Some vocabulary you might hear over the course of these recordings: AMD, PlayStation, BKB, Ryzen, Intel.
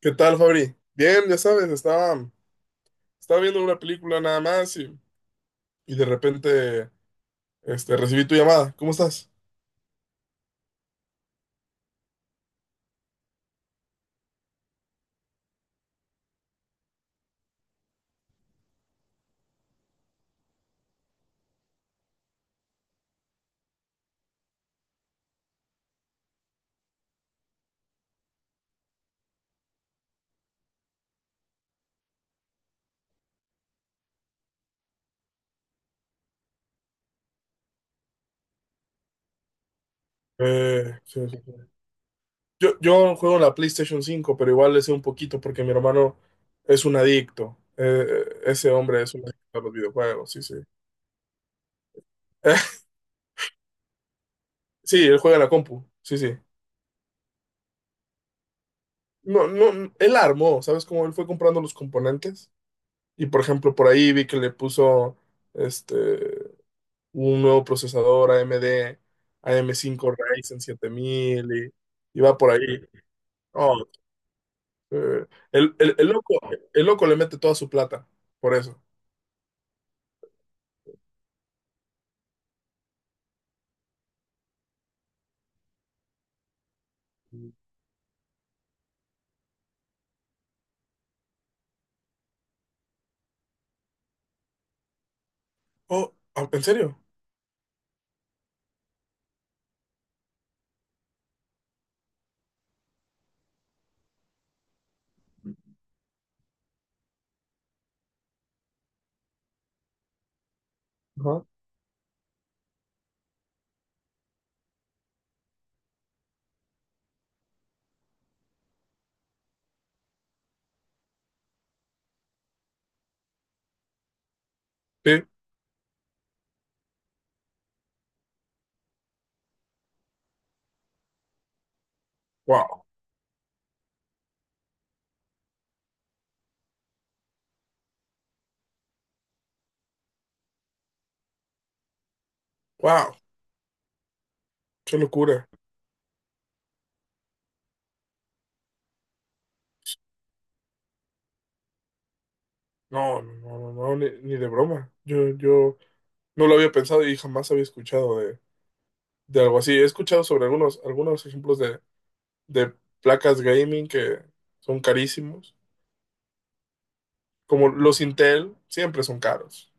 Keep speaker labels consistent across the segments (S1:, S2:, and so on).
S1: ¿Qué tal, Fabri? Bien, ya sabes, estaba viendo una película nada más y de repente recibí tu llamada. ¿Cómo estás? Sí, sí, sí. Yo juego en la PlayStation cinco, pero igual le sé un poquito porque mi hermano es un adicto. Ese hombre es un adicto a los videojuegos, sí, sí. Sí, él juega en la compu, sí, sí. No, no, él armó, ¿sabes cómo? Él fue comprando los componentes y, por ejemplo, por ahí vi que le puso, este, un nuevo procesador AMD, AM5 Ryzen 7000, y va por ahí. Oh, eh, el, el loco, el loco le mete toda su plata por eso. Oh, ¿En serio? Ajá. Sí. Wow, wow, qué locura. No, no, no, no, no, ni, ni de broma. Yo no lo había pensado y jamás había escuchado de algo así. He escuchado sobre algunos, algunos ejemplos de placas gaming que son carísimos, como los Intel, siempre son caros.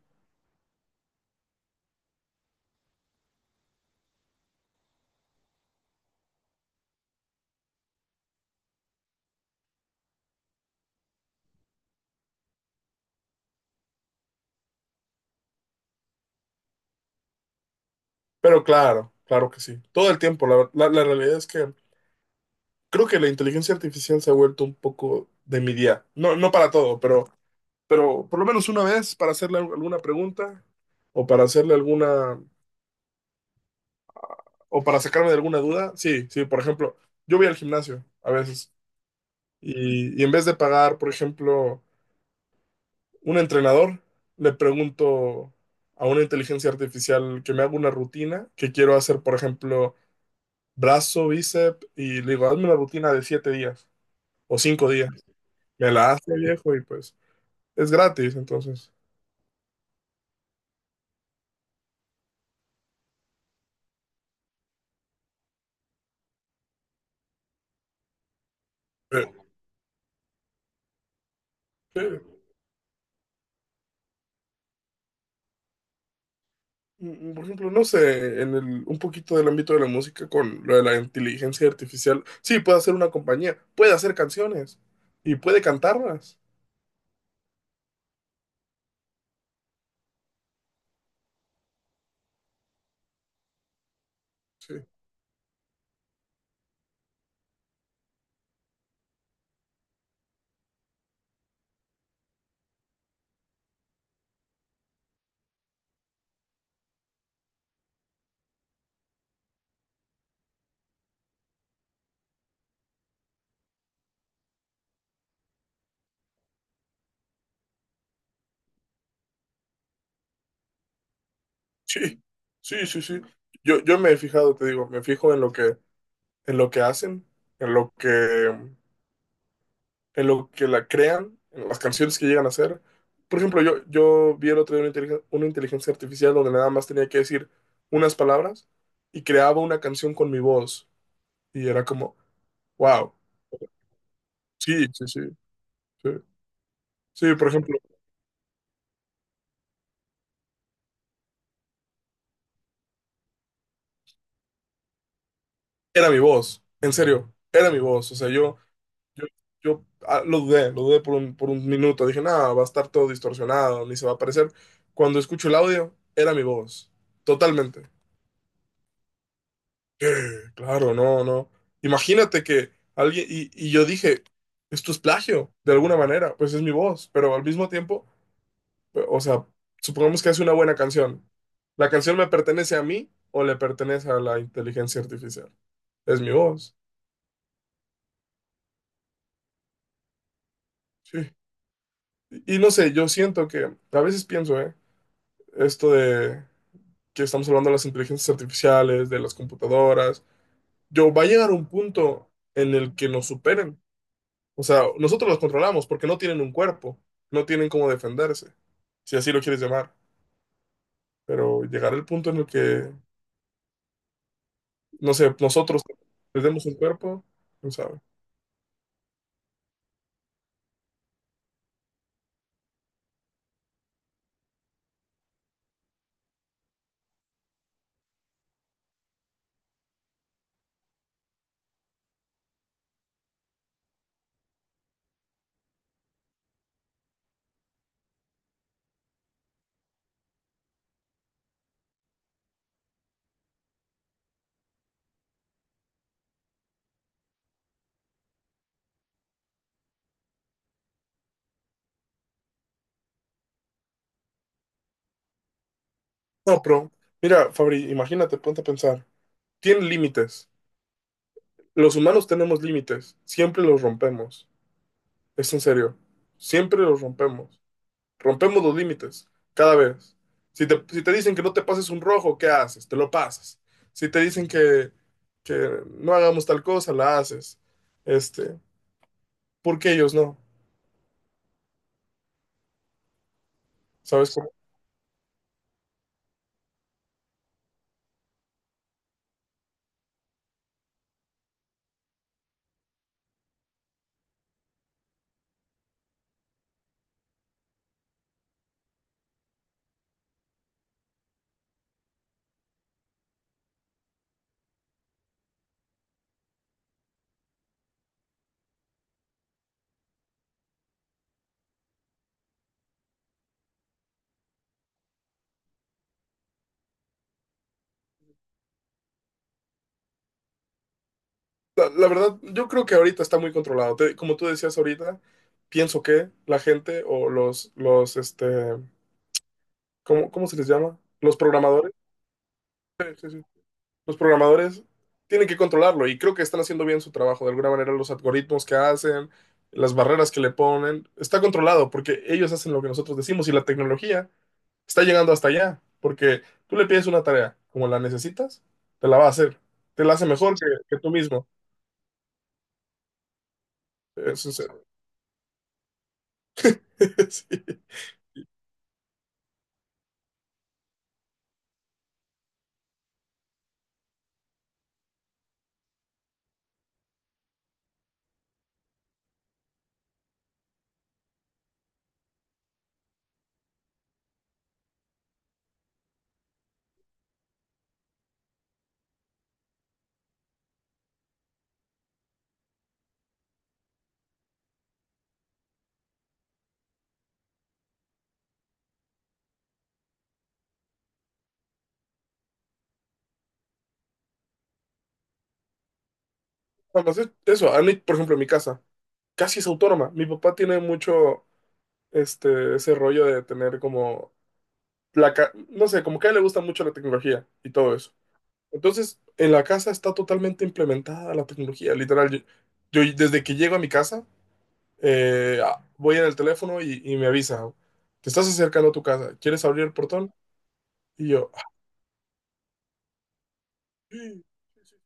S1: Pero claro, claro que sí. Todo el tiempo. La, la realidad es que creo que la inteligencia artificial se ha vuelto un poco de mi día. No, no para todo, pero por lo menos una vez para hacerle alguna pregunta o para hacerle alguna o para sacarme de alguna duda. Sí, sí, por ejemplo, yo voy al gimnasio a veces y en vez de pagar, por ejemplo, un entrenador, le pregunto a una inteligencia artificial que me haga una rutina que quiero hacer, por ejemplo brazo, bíceps, y le digo, hazme la rutina de siete días o cinco días. Me la hace viejo y pues es gratis, entonces. Eh, eh, por ejemplo, no sé, en el, un poquito del ámbito de la música con lo de la inteligencia artificial, sí, puede hacer una compañía, puede hacer canciones y puede cantarlas. Sí, sí, sí, sí, sí. Yo me he fijado, te digo, me fijo en lo que hacen, en lo que en lo que la crean, en las canciones que llegan a hacer. Por ejemplo, yo vi el otro día una una inteligencia artificial donde nada más tenía que decir unas palabras y creaba una canción con mi voz. Y era como, wow, sí, sí, sí, sí. Sí, por ejemplo, era mi voz, en serio, era mi voz. O sea, yo, yo, lo dudé por un minuto. Dije, nada, va a estar todo distorsionado, ni se va a aparecer. Cuando escucho el audio, era mi voz, totalmente. Claro, no, no. Imagínate que alguien, y yo dije, esto es plagio, de alguna manera, pues es mi voz, pero al mismo tiempo, o sea, supongamos que hace una buena canción. ¿La canción me pertenece a mí o le pertenece a la inteligencia artificial? Es mi voz, sí. Y no sé, yo siento que, a veces pienso, ¿eh? Esto de que estamos hablando de las inteligencias artificiales, de las computadoras, yo va a llegar un punto en el que nos superen. O sea, nosotros los controlamos porque no tienen un cuerpo, no tienen cómo defenderse, si así lo quieres llamar. Pero llegar el punto en el que, no sé, nosotros les demos un cuerpo, no sabe. No, pero mira, Fabri, imagínate, ponte a pensar. Tienen límites. Los humanos tenemos límites, siempre los rompemos. Es en serio, siempre los rompemos. Rompemos los límites cada vez. Si te dicen que no te pases un rojo, ¿qué haces? Te lo pasas. Si te dicen que no hagamos tal cosa, la haces. Este, ¿Por qué ellos no? ¿Sabes cómo? La verdad, yo creo que ahorita está muy controlado. Como tú decías ahorita, pienso que la gente o ¿cómo, cómo se les llama? Los programadores. Sí, sí, sí. Los programadores tienen que controlarlo y creo que están haciendo bien su trabajo. De alguna manera, los algoritmos que hacen, las barreras que le ponen, está controlado porque ellos hacen lo que nosotros decimos y la tecnología está llegando hasta allá. Porque tú le pides una tarea como la necesitas, te la va a hacer. Te la hace mejor que tú mismo. Eso es, sí. Además, eso, a mí, por ejemplo, en mi casa, casi es autónoma. Mi papá tiene mucho ese rollo de tener como, no sé, como que a él le gusta mucho la tecnología y todo eso. Entonces, en la casa está totalmente implementada la tecnología, literal. Yo desde que llego a mi casa, voy en el teléfono y me avisa, te estás acercando a tu casa, ¿quieres abrir el portón? Y yo, "Ah, sí, sí, sí,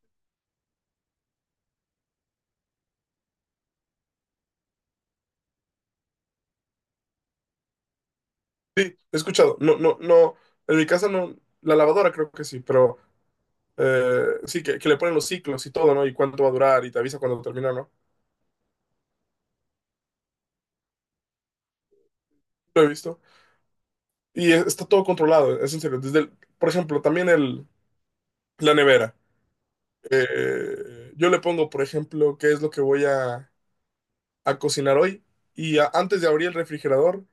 S1: sí, he escuchado. No, no, no, en mi casa no, la lavadora creo que sí, pero sí, que le ponen los ciclos y todo, ¿no? Y cuánto va a durar y te avisa cuando termina, ¿no? Lo he visto. Y está todo controlado, es en serio. Por ejemplo, también la nevera. Yo le pongo, por ejemplo, qué es lo que voy a cocinar hoy. Y antes de abrir el refrigerador,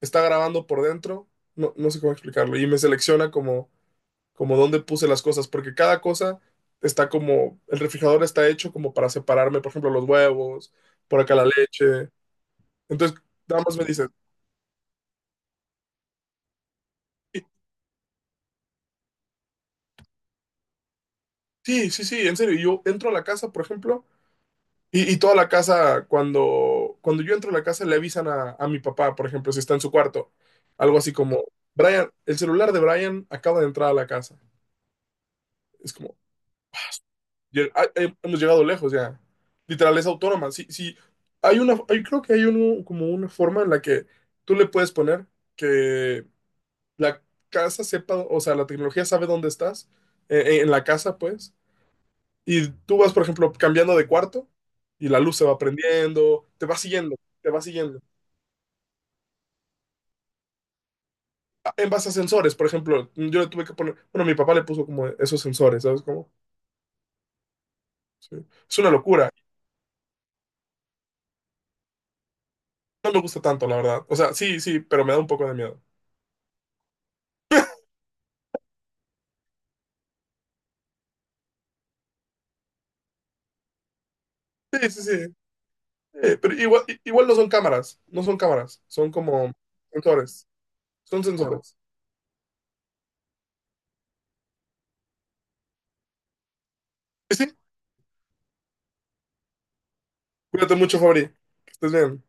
S1: está grabando por dentro. No, no sé cómo explicarlo. Y me selecciona como, como dónde puse las cosas. Porque cada cosa está como. El refrigerador está hecho como para separarme. Por ejemplo, los huevos. Por acá la leche. Entonces, nada más me dice. Sí, sí, sí, en serio. Y yo entro a la casa, por ejemplo. Y toda la casa, cuando yo entro a la casa, le avisan a mi papá, por ejemplo, si está en su cuarto. Algo así como, Brian, el celular de Brian acaba de entrar a la casa. Es como, hemos llegado lejos ya. Literal, es autónoma. Sí, sí, hay una, creo que hay uno, como una forma en la que tú le puedes poner que la casa sepa, o sea, la tecnología sabe dónde estás, en la casa, pues. Y tú vas, por ejemplo, cambiando de cuarto y la luz se va prendiendo, te va siguiendo, te va siguiendo, en base a sensores, por ejemplo, yo le tuve que poner, bueno, mi papá le puso como esos sensores, ¿sabes cómo? Sí. Es una locura. No me gusta tanto, la verdad. O sea, sí, sí, pero me da un poco de miedo. Sí, sí, sí. Pero igual, igual no son cámaras, no son cámaras, son como sensores, son sensores. Sí, sí. Cuídate mucho, Fabri. Que estés bien.